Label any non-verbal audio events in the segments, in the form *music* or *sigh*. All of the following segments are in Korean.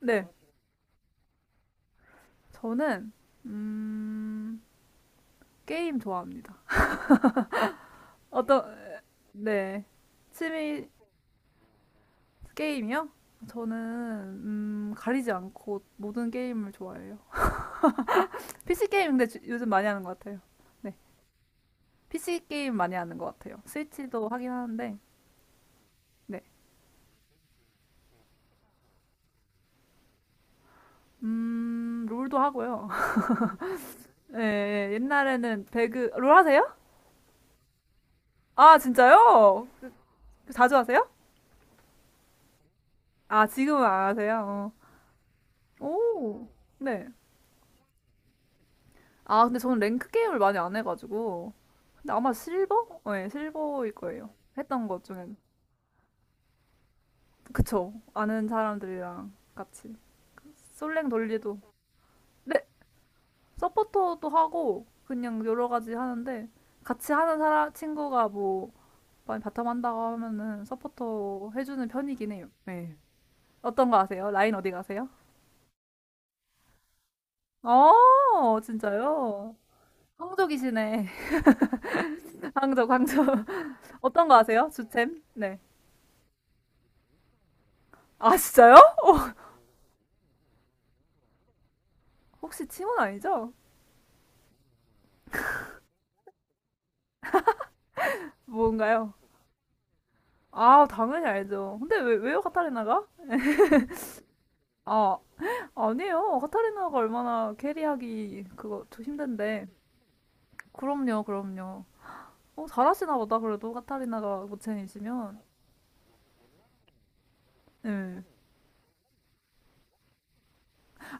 네, 저는 음, 게임 좋아합니다. 어떤 네, 취미 게임이요? 저는 가리지 않고 모든 게임을 좋아해요. PC 게임 근데 요즘 많이 하는 것 같아요. 네, PC 게임 많이 하는 것 같아요. 스위치도 하긴 하는데, 네, 롤도 하고요. *laughs* 예, 예, 옛날에는 배그 롤 하세요? 아, 진짜요? 자주 하세요? 아, 지금은 안 하세요? 어. 오, 네. 아, 근데 저는 랭크 게임을 많이 안 해가지고. 근데 아마 실버? 네, 실버일 거예요. 했던 것 중에. 그쵸. 아는 사람들이랑 같이. 솔랭 돌리도. 네, 서포터도 하고, 그냥 여러 가지 하는데, 같이 하는 사람, 친구가 뭐, 많이 바텀 한다고 하면은 서포터 해주는 편이긴 해요. 네. 어떤 거 아세요? 라인 어디 가세요? 어, 진짜요? 황족이시네. *laughs* 황족, 황족. *laughs* 어떤 거 아세요? 주템? 네. 아, 진짜요? 혹시 팀원 아니죠? 뭔가요? 아, 당연히 알죠. 근데 왜요, 카타리나가? 아, 아니에요. 카타리나가 얼마나 캐리하기 그거 좀 힘든데. 그럼요, 그럼요. 어, 잘하시나 보다, 그래도 카타리나가 모챔이시면. 예.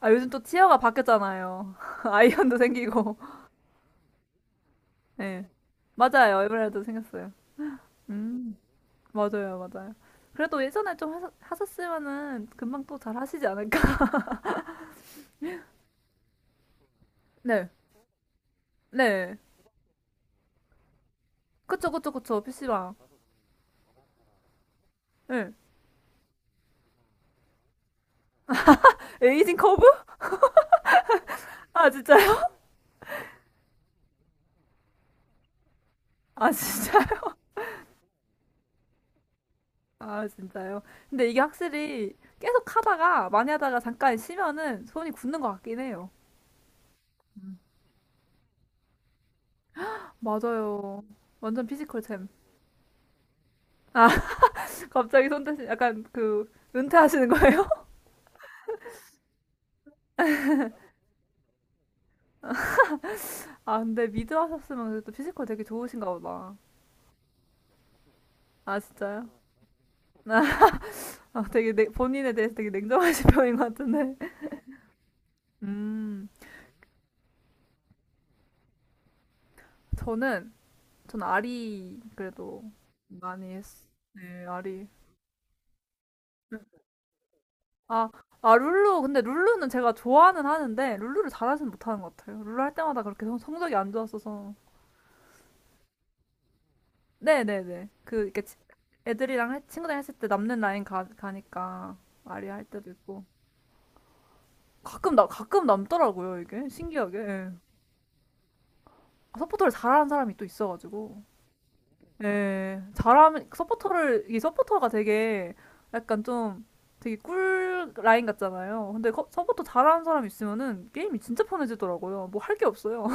아, 요즘 또 티어가 바뀌었잖아요. *laughs* 아이언도 생기고. 예. 맞아요. 에메랄드 생겼어요. 음, 맞아요, 맞아요. 그래도 예전에 좀 하셨으면은 금방 또 잘하시지 않을까? *laughs* 네, 네. 그쵸, 그쵸, 그쵸. PC방. 예. 에이징 커브? 아, 진짜요? 아, 진짜? 아, 진짜요? 근데 이게 확실히 계속 하다가 많이 하다가 잠깐 쉬면은 손이 굳는 것 같긴 해요. 맞아요. 완전 피지컬 챔. 아, *laughs* 갑자기 손 대신 약간 그 은퇴하시는 거예요? *laughs* 아, 근데 미드 하셨으면 그래도 피지컬 되게 좋으신가 보다. 아, 진짜요? 아, 아, 되게 본인에 대해서 되게 냉정하신 *laughs* 편인 것 같은데. 음. 저는 저는 아리 그래도 많이 했. 네, 아리. 아, 아, 룰루. 근데 룰루는 제가 좋아는 하는데, 룰루를 잘하진 못하는 것 같아요. 룰루 할 때마다 그렇게 성적이 안 좋았어서. 네네네. 이렇게 애들이랑, 친구들이랑 했을 때 남는 라인 가니까, 아리아 할 때도 있고. 가끔 남더라고요, 이게. 신기하게. 예. 서포터를 잘하는 사람이 또 있어가지고. 예. 잘하면, 서포터를, 이 서포터가 되게, 약간 좀, 되게 꿀 라인 같잖아요. 근데 서포터 잘하는 사람 있으면은 게임이 진짜 편해지더라고요. 뭐 할 게 없어요.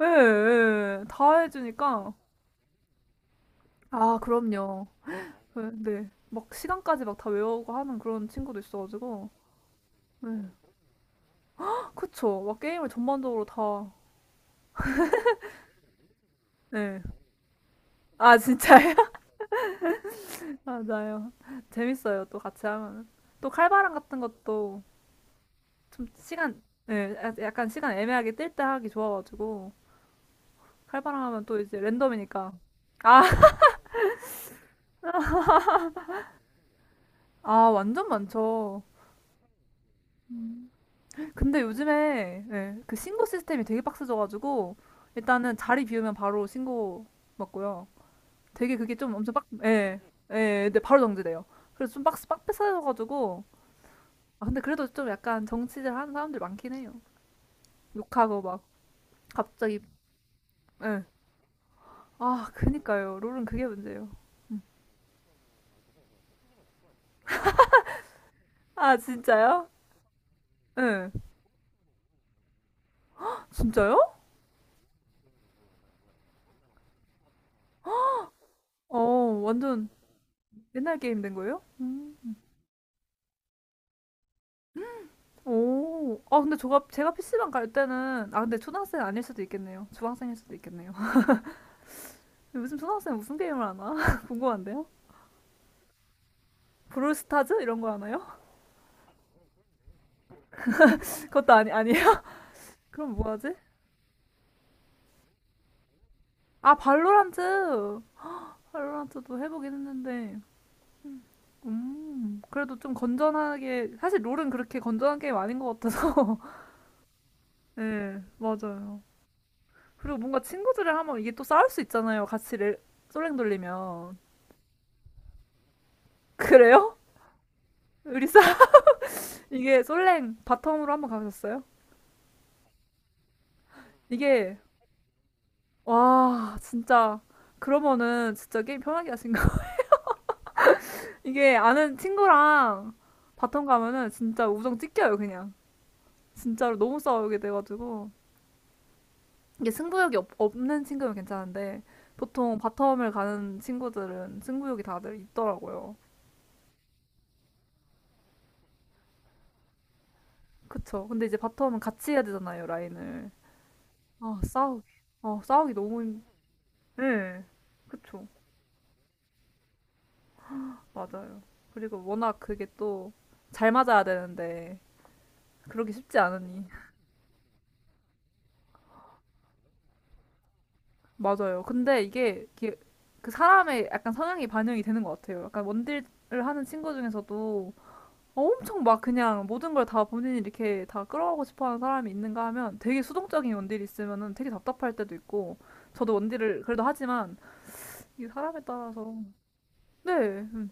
예, 예, 다 해주니까. 아, 그럼요. 예, 네. 막 시간까지 막 다 외우고 하는 그런 친구도 있어가지고. 예. 그쵸. 막 게임을 전반적으로 다. 네. 아, 진짜요? *laughs* 맞아요. 재밌어요. 또 같이 하면. 또 칼바람 같은 것도 좀 시간, 예, 약간 시간 애매하게 뜰 때 하기 좋아가지고. 칼바람 하면 또 이제 랜덤이니까. 아, *laughs* 아, 완전 많죠. 근데 요즘에 예, 그 신고 시스템이 되게 빡세져가지고 일단은 자리 비우면 바로 신고 받고요. 되게 그게 좀 엄청 예, 예, 근데 바로 정지돼요. 그래서 좀 빡세져가지고. 아, 근데 그래도 좀 약간 정치질 하는 사람들 많긴 해요. 욕하고 막 갑자기. 예. 아, 그니까요. 롤은 그게 문제예요. 아, 진짜요? 예. 진짜요? 어, 완전 옛날 게임 된 거예요? 음. 오. 아, 근데 제가 PC방 갈 때는, 아, 근데 초등학생 아닐 수도 있겠네요. 중학생일 수도 있겠네요. *laughs* 요즘 초등학생 무슨 게임을 하나? *laughs* 궁금한데요? 브롤스타즈? 이런 거 하나요? *laughs* 그것도 아니, 아니에요? *laughs* 그럼 뭐 하지? 아, 발로란트! 발로란트도 해보긴 했는데, 그래도 좀 건전하게, 사실 롤은 그렇게 건전한 게임 아닌 것 같아서. *laughs* 네, 맞아요. 그리고 뭔가 친구들이랑 하면 이게 또 싸울 수 있잖아요. 같이 솔랭 돌리면. *laughs* 그래요? 우리 싸. 이게 솔랭 바텀으로 한번 가보셨어요? 이게, 와, 진짜. 그러면은 진짜 게임 편하게 하신가? *laughs* 이게 아는 친구랑 바텀 가면은 진짜 우정 찢겨요 그냥. 진짜로 너무 싸우게 돼가지고. 이게 승부욕이 없는 친구면 괜찮은데, 보통 바텀을 가는 친구들은 승부욕이 다들 있더라고요. 그쵸. 근데 이제 바텀은 같이 해야 되잖아요, 라인을. 아 싸우기 아 싸우기 너무 힘-. 예. 그쵸. 맞아요. 그리고 워낙 그게 또 잘 맞아야 되는데, 그러기 쉽지 않으니. 맞아요. 근데 이게 그 사람의 약간 성향이 반영이 되는 것 같아요. 약간 원딜을 하는 친구 중에서도 엄청 막 그냥 모든 걸 다 본인이 이렇게 다 끌어가고 싶어 하는 사람이 있는가 하면 되게 수동적인 원딜이 있으면은 되게 답답할 때도 있고. 저도 원딜을 그래도 하지만 이 사람에 따라서. 네. 음.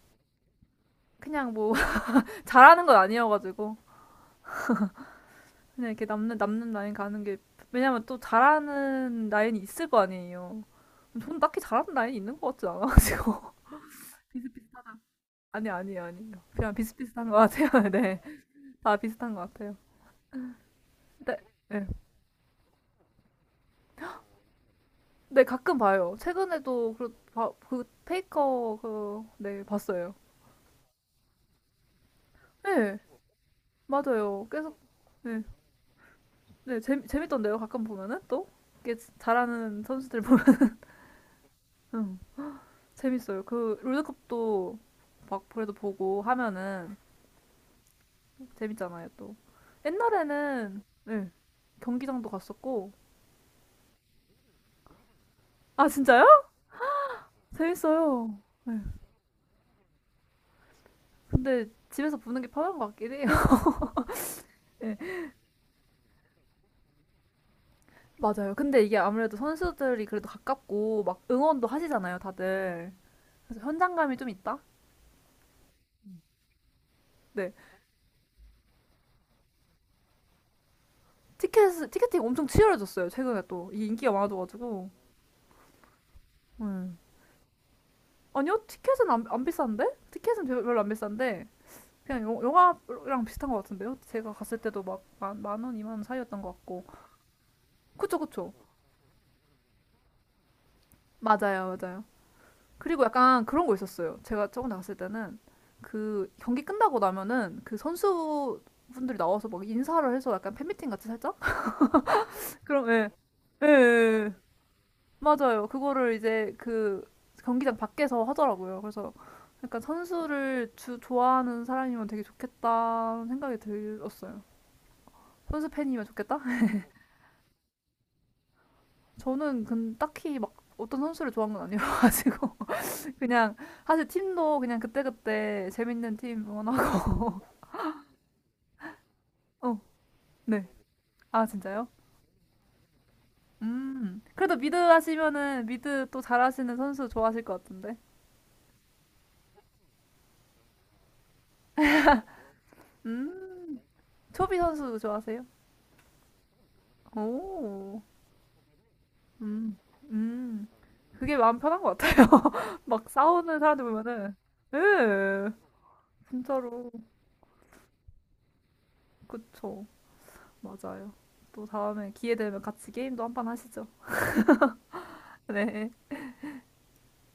그냥 뭐, *laughs* 잘하는 건 아니어가지고. 그냥 이렇게 남는 라인 가는 게, 왜냐면 또 잘하는 라인이 있을 거 아니에요. 저는 딱히 잘하는 라인이 있는 것 같진 않아가지고. *laughs* 비슷비슷. 아니, 아니에요, 아니에요. 그냥 비슷비슷한 것 같아요. *laughs* 네. 다 비슷한 것 같아요. 네, 네. 네, 가끔 봐요. 최근에도 그 페이커, 네, 봤어요. 네, 맞아요. 계속, 네. 네, 재밌던데요. 가끔 보면은 또? 이게 잘하는 선수들 보면. *laughs* 응, 재밌어요. 그, 롤드컵도 막 그래도 보고 하면은 재밌잖아요, 또. 옛날에는 네, 경기장도 갔었고. 아, 진짜요? 재밌어요. 네. 근데 집에서 보는 게 편한 것 같긴 해요. *laughs* 네, 맞아요. 근데 이게 아무래도 선수들이 그래도 가깝고 막 응원도 하시잖아요, 다들. 그래서 현장감이 좀 있다? 네. 티켓팅 엄청 치열해졌어요, 최근에 또. 이게 인기가 많아져가지고. 네. 아니요, 티켓은 안 비싼데? 티켓은 별로 안 비싼데. 그냥 영화랑 비슷한 것 같은데요? 제가 갔을 때도 막 1만 원, 2만 원 사이였던 것 같고. 그쵸, 그쵸. 맞아요, 맞아요. 그리고 약간 그런 거 있었어요. 제가 저번에 갔을 때는 그 경기 끝나고 나면은 그 선수분들이 나와서 막 인사를 해서 약간 팬미팅 같이 살짝? *laughs* 그럼, 예. 예, 예, 예. 맞아요. 그거를 이제 그 경기장 밖에서 하더라고요. 그래서 약간 선수를 좋아하는 사람이면 되게 좋겠다는 생각이 들었어요. 선수 팬이면 좋겠다? *laughs* 저는 근 딱히 막 어떤 선수를 좋아한 건 아니어가지고. 그냥 사실 팀도 그냥 그때그때 재밌는 팀 응원하고. *laughs* 어, 네. 아, 진짜요? 그래도 미드 하시면은 미드 또 잘하시는 선수 좋아하실 것 같은데. 음. 초비 선수 좋아하세요? 오. 음. 음. 그게 마음 편한 것 같아요. *laughs* 막 싸우는 사람들 보면은. 예. 진짜로. 그쵸. 맞아요. 또 다음에 기회 되면 같이 게임도 한판 하시죠. *laughs* 네.